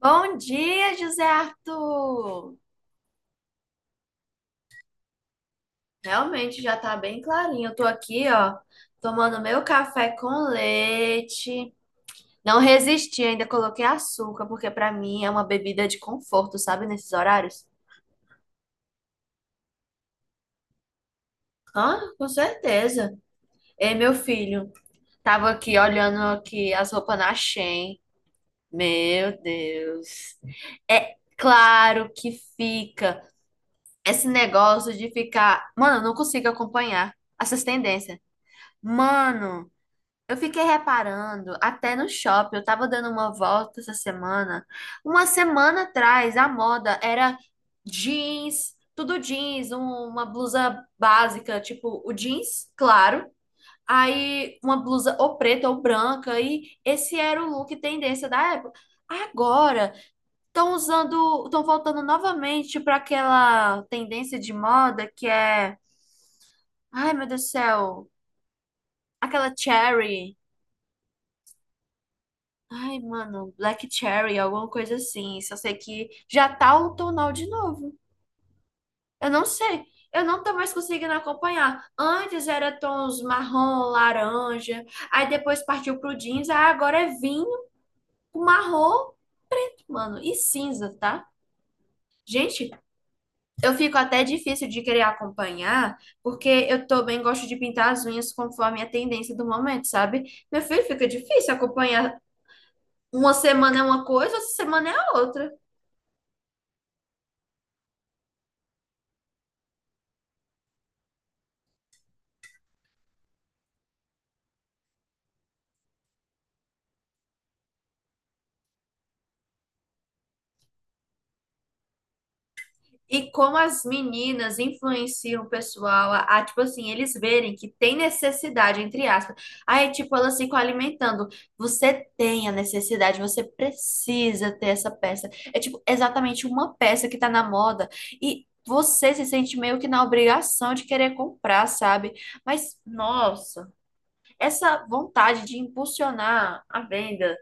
Bom dia, José Arthur! Realmente já tá bem clarinho. Eu tô aqui, ó, tomando meu café com leite. Não resisti, ainda coloquei açúcar, porque pra mim é uma bebida de conforto, sabe, nesses horários. Ah, com certeza. Ei, meu filho, tava aqui olhando aqui as roupas na Shein. Meu Deus. É claro que fica esse negócio de ficar, mano, eu não consigo acompanhar essas tendências. Mano, eu fiquei reparando, até no shopping, eu tava dando uma volta essa semana. Uma semana atrás, a moda era jeans, tudo jeans, uma blusa básica, tipo o jeans, claro. Aí uma blusa ou preta ou branca, e esse era o look tendência da época. Agora, estão usando, estão voltando novamente para aquela tendência de moda que é, ai meu Deus do céu, aquela cherry. Ai, mano, Black Cherry, alguma coisa assim. Só sei que já tá outonal de novo. Eu não sei. Eu não tô mais conseguindo acompanhar. Antes era tons marrom, laranja. Aí depois partiu pro jeans. Aí agora é vinho, marrom, mano, e cinza, tá? Gente, eu fico até difícil de querer acompanhar, porque eu também gosto de pintar as unhas conforme a tendência do momento, sabe? Meu filho, fica difícil acompanhar. Uma semana é uma coisa, outra semana é a outra. E como as meninas influenciam o pessoal a, tipo assim, eles verem que tem necessidade, entre aspas. Aí, tipo, elas ficam alimentando. Você tem a necessidade, você precisa ter essa peça. É, tipo, exatamente uma peça que tá na moda. E você se sente meio que na obrigação de querer comprar, sabe? Mas, nossa, essa vontade de impulsionar a venda.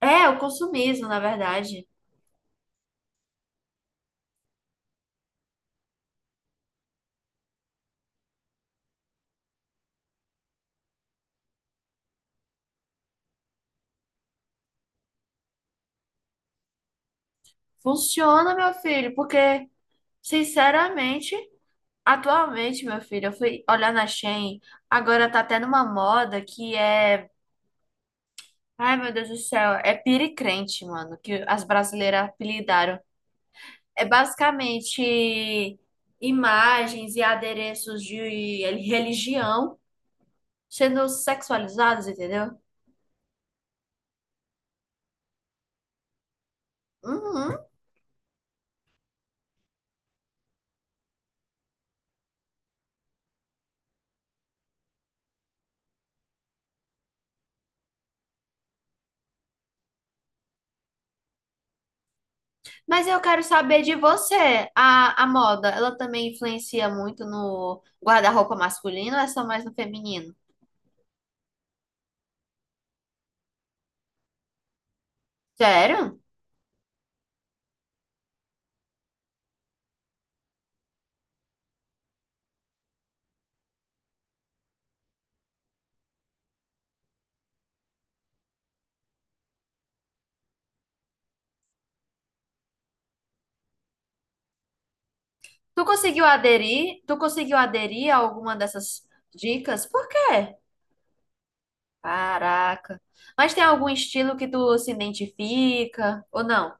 É, o consumismo, na verdade. Funciona, meu filho, porque, sinceramente. Atualmente, meu filho, eu fui olhar na Shein, agora tá até numa moda que é. Ai, meu Deus do céu, é piricrente, mano, que as brasileiras apelidaram. É basicamente imagens e adereços de religião sendo sexualizados, entendeu? Uhum. Mas eu quero saber de você. A moda, ela também influencia muito no guarda-roupa masculino ou é só mais no feminino? Sério? Tu conseguiu aderir? Tu conseguiu aderir a alguma dessas dicas? Por quê? Caraca. Mas tem algum estilo que tu se identifica ou não?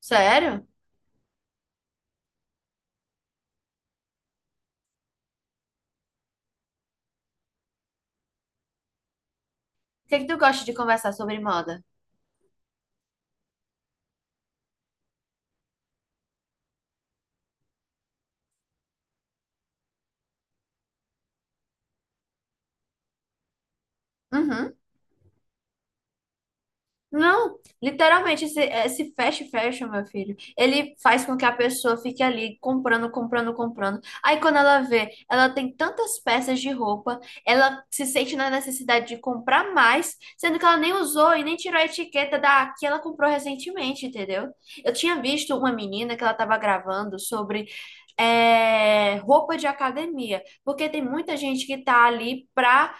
Sério? O que é que tu gosta de conversar sobre moda? Uhum. Não, literalmente, esse fast fashion, meu filho, ele faz com que a pessoa fique ali comprando, comprando, comprando. Aí quando ela vê, ela tem tantas peças de roupa, ela se sente na necessidade de comprar mais, sendo que ela nem usou e nem tirou a etiqueta da que ela comprou recentemente, entendeu? Eu tinha visto uma menina que ela estava gravando sobre é, roupa de academia, porque tem muita gente que tá ali pra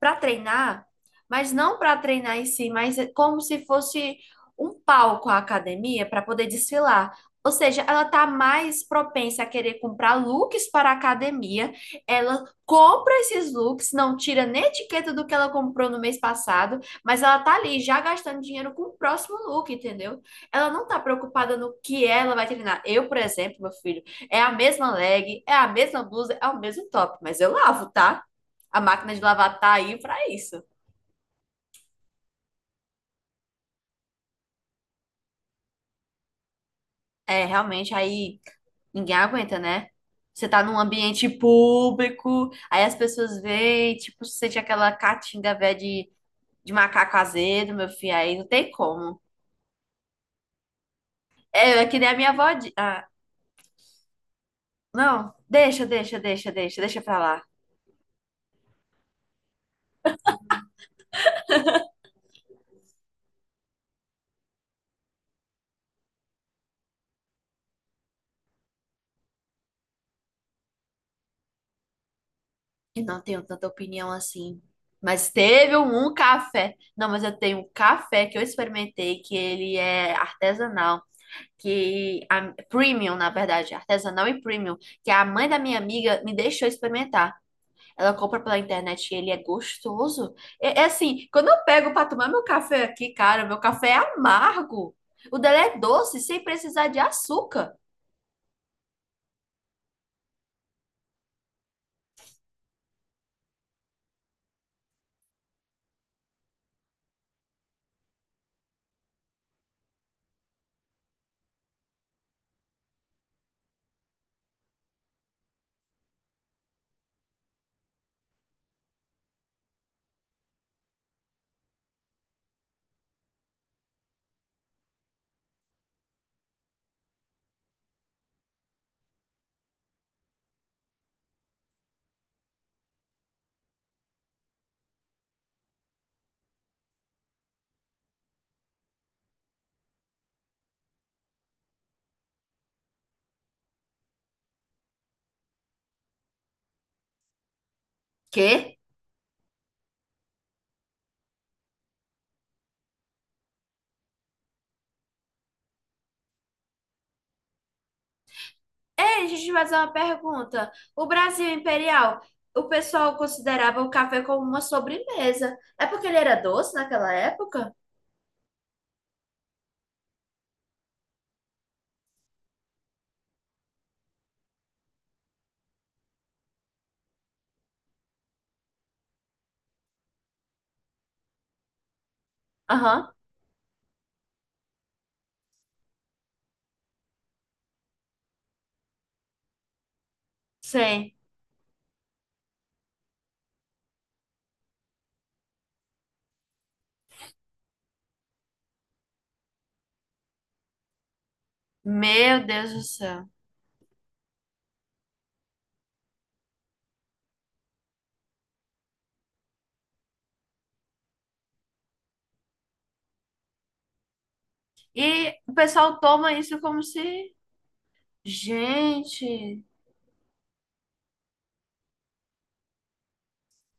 para treinar, mas não para treinar em si, mas é como se fosse um palco a academia para poder desfilar. Ou seja, ela está mais propensa a querer comprar looks para a academia. Ela compra esses looks, não tira nem etiqueta do que ela comprou no mês passado, mas ela tá ali já gastando dinheiro com o próximo look, entendeu? Ela não tá preocupada no que ela vai treinar. Eu, por exemplo, meu filho, é a mesma leg, é a mesma blusa, é o mesmo top, mas eu lavo, tá? A máquina de lavar tá aí pra isso. É, realmente, aí ninguém aguenta, né? Você tá num ambiente público, aí as pessoas veem, tipo, você sente aquela catinga velha de macaco azedo, meu filho, aí não tem como. É, é que nem a minha avó. Ah, não, deixa, deixa, deixa, deixa, deixa pra lá. Eu não tenho tanta opinião assim. Mas teve um café. Não, mas eu tenho um café que eu experimentei, que ele é artesanal. Que a premium, na verdade, artesanal e premium, que a mãe da minha amiga me deixou experimentar. Ela compra pela internet e ele é gostoso. É, é assim, quando eu pego para tomar meu café aqui, cara, meu café é amargo. O dela é doce, sem precisar de açúcar. Quê? Ei, deixa eu te fazer uma pergunta. O Brasil Imperial, o pessoal considerava o café como uma sobremesa. É porque ele era doce naquela época? Aham, sei. Meu Deus do céu. E o pessoal toma isso como se, gente,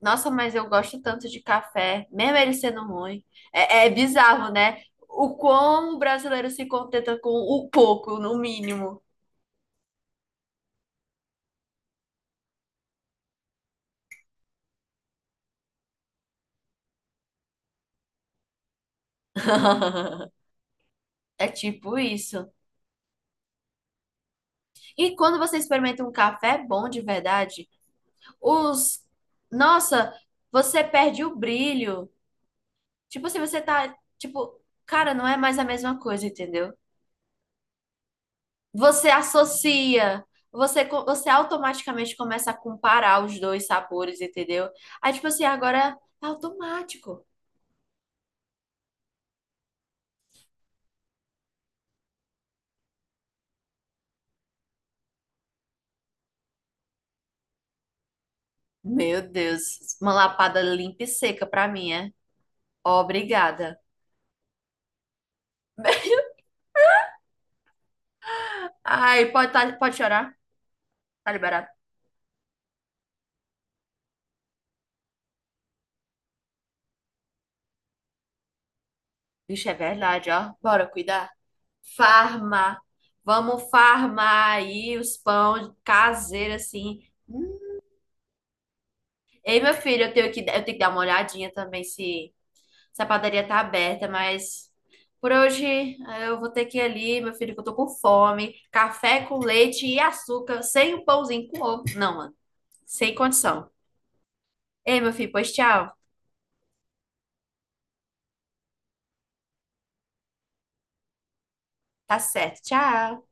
nossa, mas eu gosto tanto de café, mesmo ele sendo ruim. É, é bizarro, né? O como o brasileiro se contenta com o pouco, no mínimo. É tipo isso. E quando você experimenta um café bom de verdade, os. Nossa, você perde o brilho. Tipo, se você tá. Tipo, cara, não é mais a mesma coisa, entendeu? Você associa, você, você automaticamente começa a comparar os dois sabores, entendeu? Aí, tipo assim, agora é automático. Meu Deus, uma lapada limpa e seca pra mim, é? Obrigada. Ai, pode, tá, pode chorar? Tá liberado. Vixe, é verdade, ó. Bora cuidar. Farma. Vamos farmar aí os pão caseiro, assim. Hum. Ei, meu filho, eu tenho que dar uma olhadinha também se se a padaria tá aberta, mas por hoje ah, eu vou ter que ir ali, meu filho, que eu tô com fome. Café com leite e açúcar, sem um pãozinho com ovo. Não, mano, sem condição. Ei, meu filho, pois tchau. Tá certo, tchau.